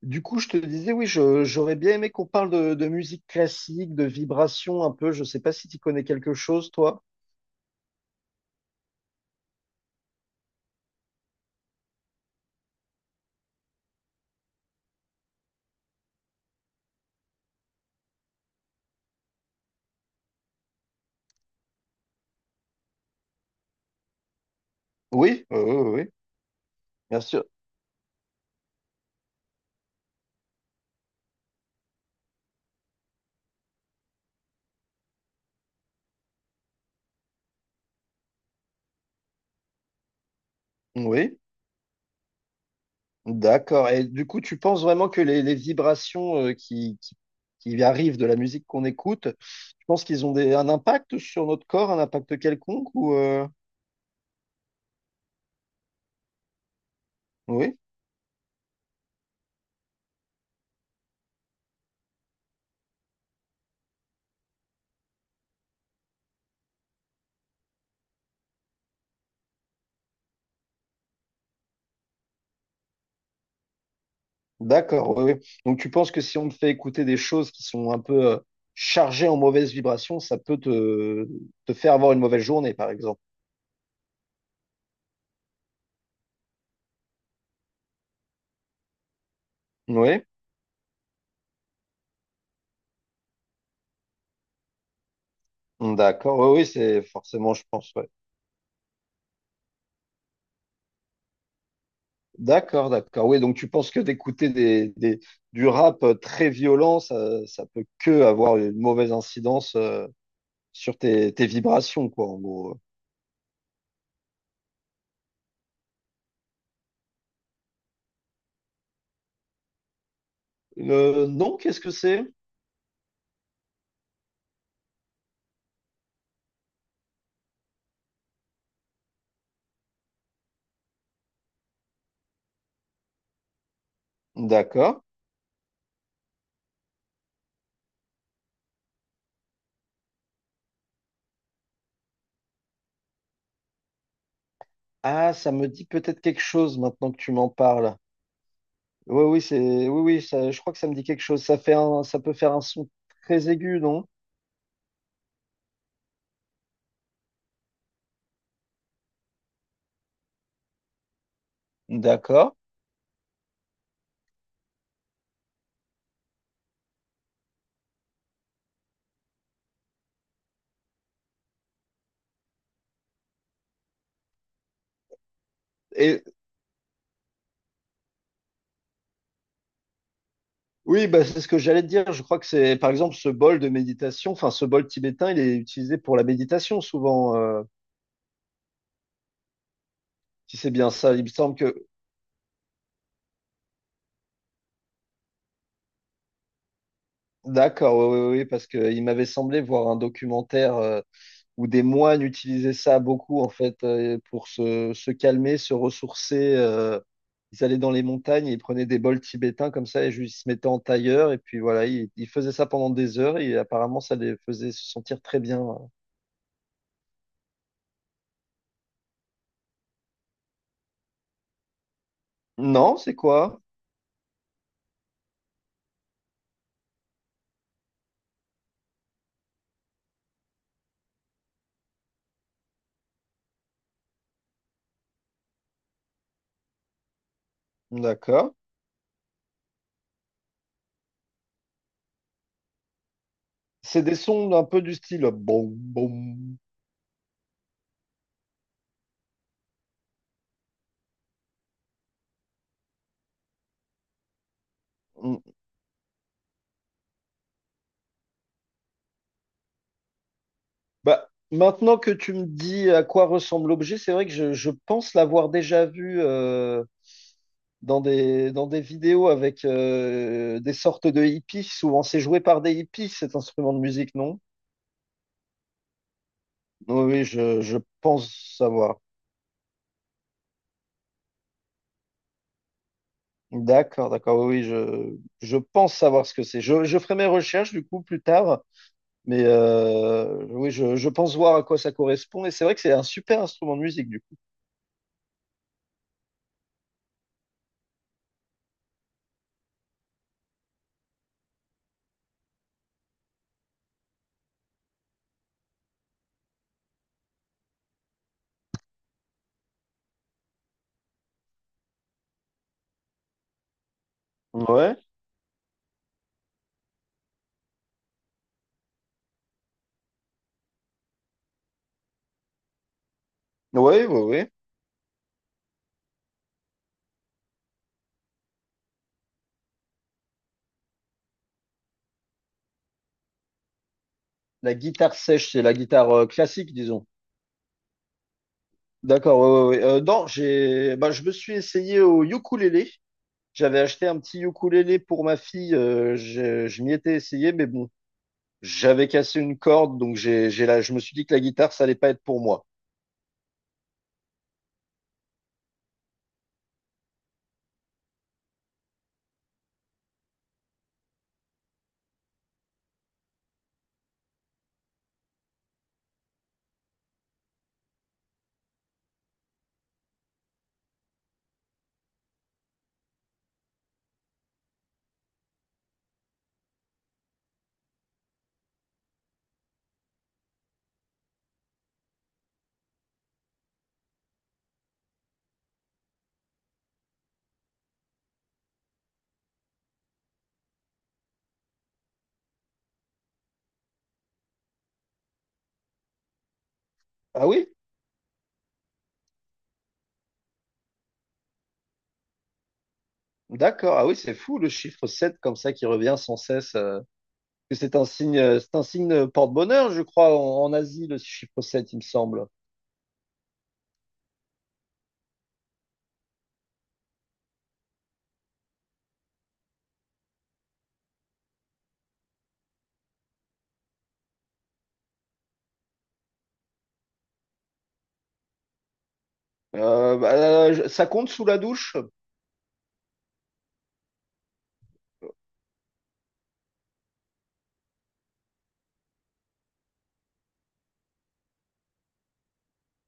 Du coup, je te disais, oui, j'aurais bien aimé qu'on parle de musique classique, de vibrations un peu. Je sais pas si tu connais quelque chose, toi. Oui, oui, oui, bien sûr. Oui, d'accord. Et du coup, tu penses vraiment que les vibrations qui arrivent de la musique qu'on écoute, tu penses qu'ils ont un impact sur notre corps, un impact quelconque ou oui, d'accord. Oui, oui. Donc, tu penses que si on te fait écouter des choses qui sont un peu chargées en mauvaises vibrations, ça peut te faire avoir une mauvaise journée, par exemple. Oui. D'accord, oui, oui, c'est forcément, je pense, ouais. D'accord, d'accord. Oui, donc tu penses que d'écouter du rap très violent, ça peut que avoir une mauvaise incidence sur tes vibrations, quoi, en gros. Non, qu'est-ce que c'est? D'accord. Ah, ça me dit peut-être quelque chose maintenant que tu m'en parles. Oui, oui, oui, oui, je crois que ça me dit quelque chose. Ça peut faire un son très aigu, non? D'accord. Et oui, bah, c'est ce que j'allais te dire. Je crois que c'est, par exemple, ce bol de méditation, enfin, ce bol tibétain, il est utilisé pour la méditation souvent, si c'est bien ça. Il me semble que, d'accord, oui, oui, oui, parce que il m'avait semblé voir un documentaire où des moines utilisaient ça beaucoup, en fait, pour se calmer, se ressourcer. Ils allaient dans les montagnes, et ils prenaient des bols tibétains comme ça, et juste ils se mettaient en tailleur, et puis voilà, ils faisaient ça pendant des heures, et apparemment, ça les faisait se sentir très bien. Non, c'est quoi? D'accord. C'est des sons un peu du style boum, boum. Mm. Bah, maintenant que tu me dis à quoi ressemble l'objet, c'est vrai que je pense l'avoir déjà vu dans dans des vidéos avec des sortes de hippies. Souvent, c'est joué par des hippies, cet instrument de musique, non? Oui, oui, je pense savoir. D'accord, d'accord. Oui, oui, je pense savoir ce que c'est. Je ferai mes recherches du coup plus tard, mais oui, je pense voir à quoi ça correspond. Et c'est vrai que c'est un super instrument de musique du coup. Ouais. Oui, oui, oui. La guitare sèche, c'est la guitare classique, disons. D'accord, oui, oui, oui. Non, j'ai, Bah, je me suis essayé au ukulélé. J'avais acheté un petit ukulélé pour ma fille. Je m'y étais essayé, mais bon, j'avais cassé une corde, donc je me suis dit que la guitare, ça allait pas être pour moi. Ah oui? D'accord. Ah oui, c'est fou le chiffre 7 comme ça qui revient sans cesse. Que c'est un signe porte-bonheur, je crois, en Asie, le chiffre 7, il me semble. Euh, bah, Ça compte sous la douche?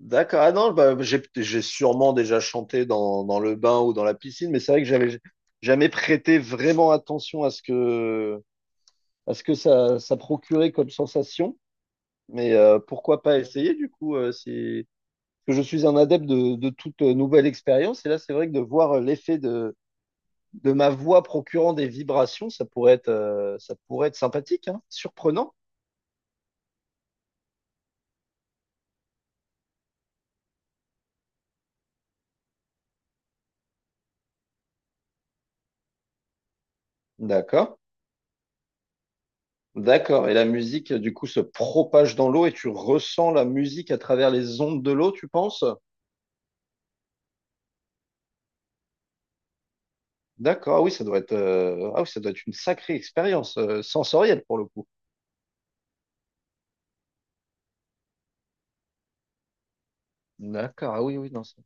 D'accord. Ah non, bah, j'ai sûrement déjà chanté dans le bain ou dans la piscine, mais c'est vrai que j'avais jamais prêté vraiment attention à à ce que ça procurait comme sensation. Mais pourquoi pas essayer du coup si... Parce que je suis un adepte de toute nouvelle expérience. Et là, c'est vrai que de voir l'effet de ma voix procurant des vibrations, ça pourrait être sympathique, hein, surprenant. D'accord. D'accord. Et la musique, du coup, se propage dans l'eau et tu ressens la musique à travers les ondes de l'eau, tu penses? D'accord. Ah oui, ah oui, ça doit être une sacrée expérience sensorielle pour le coup. D'accord. Ah oui, oui, non.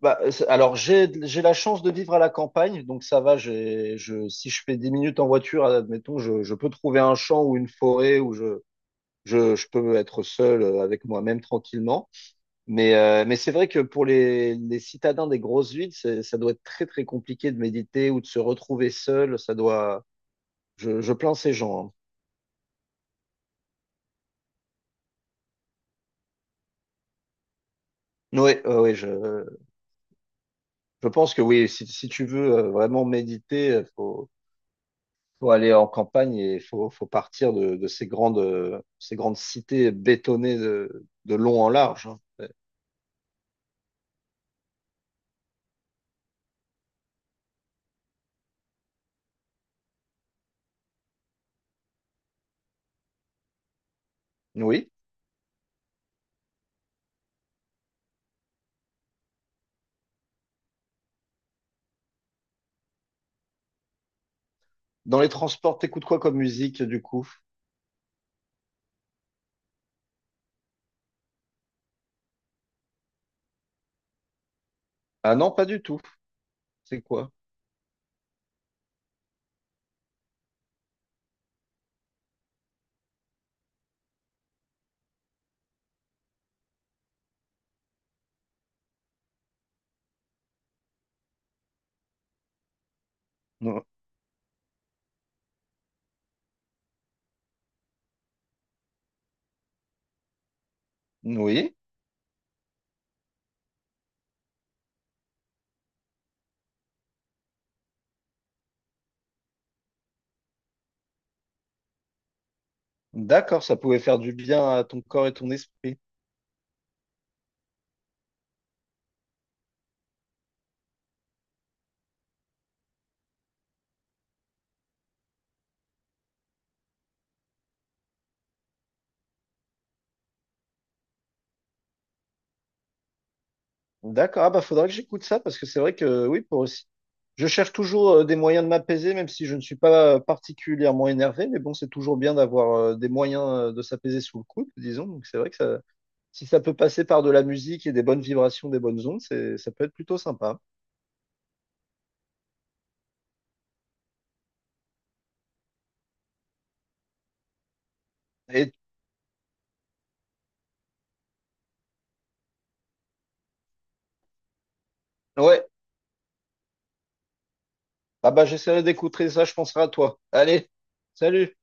Alors, j'ai la chance de vivre à la campagne, donc ça va. Si je fais 10 minutes en voiture, admettons, je peux trouver un champ ou une forêt je peux être seul avec moi-même tranquillement. Mais c'est vrai que pour les citadins des grosses villes, ça doit être très très compliqué de méditer ou de se retrouver seul. Ça doit. Je plains ces gens. Hein. Ouais, ouais, ouais, je pense que oui. Si tu veux vraiment méditer, faut aller en campagne et faut partir de ces ces grandes cités bétonnées de long en large. Hein. Ouais. Oui. Dans les transports, t'écoutes quoi comme musique du coup? Ah non, pas du tout. C'est quoi? Non. Oui. D'accord, ça pouvait faire du bien à ton corps et ton esprit. D'accord, ah bah faudrait que j'écoute ça parce que c'est vrai que oui, pour aussi. Je cherche toujours des moyens de m'apaiser, même si je ne suis pas particulièrement énervé, mais bon, c'est toujours bien d'avoir des moyens de s'apaiser sous le coude, disons. Donc c'est vrai que ça, si ça peut passer par de la musique et des bonnes vibrations, des bonnes ondes, c'est, ça peut être plutôt sympa. Et ouais, ah bah j'essaierai d'écouter ça, je penserai à toi. Allez, salut!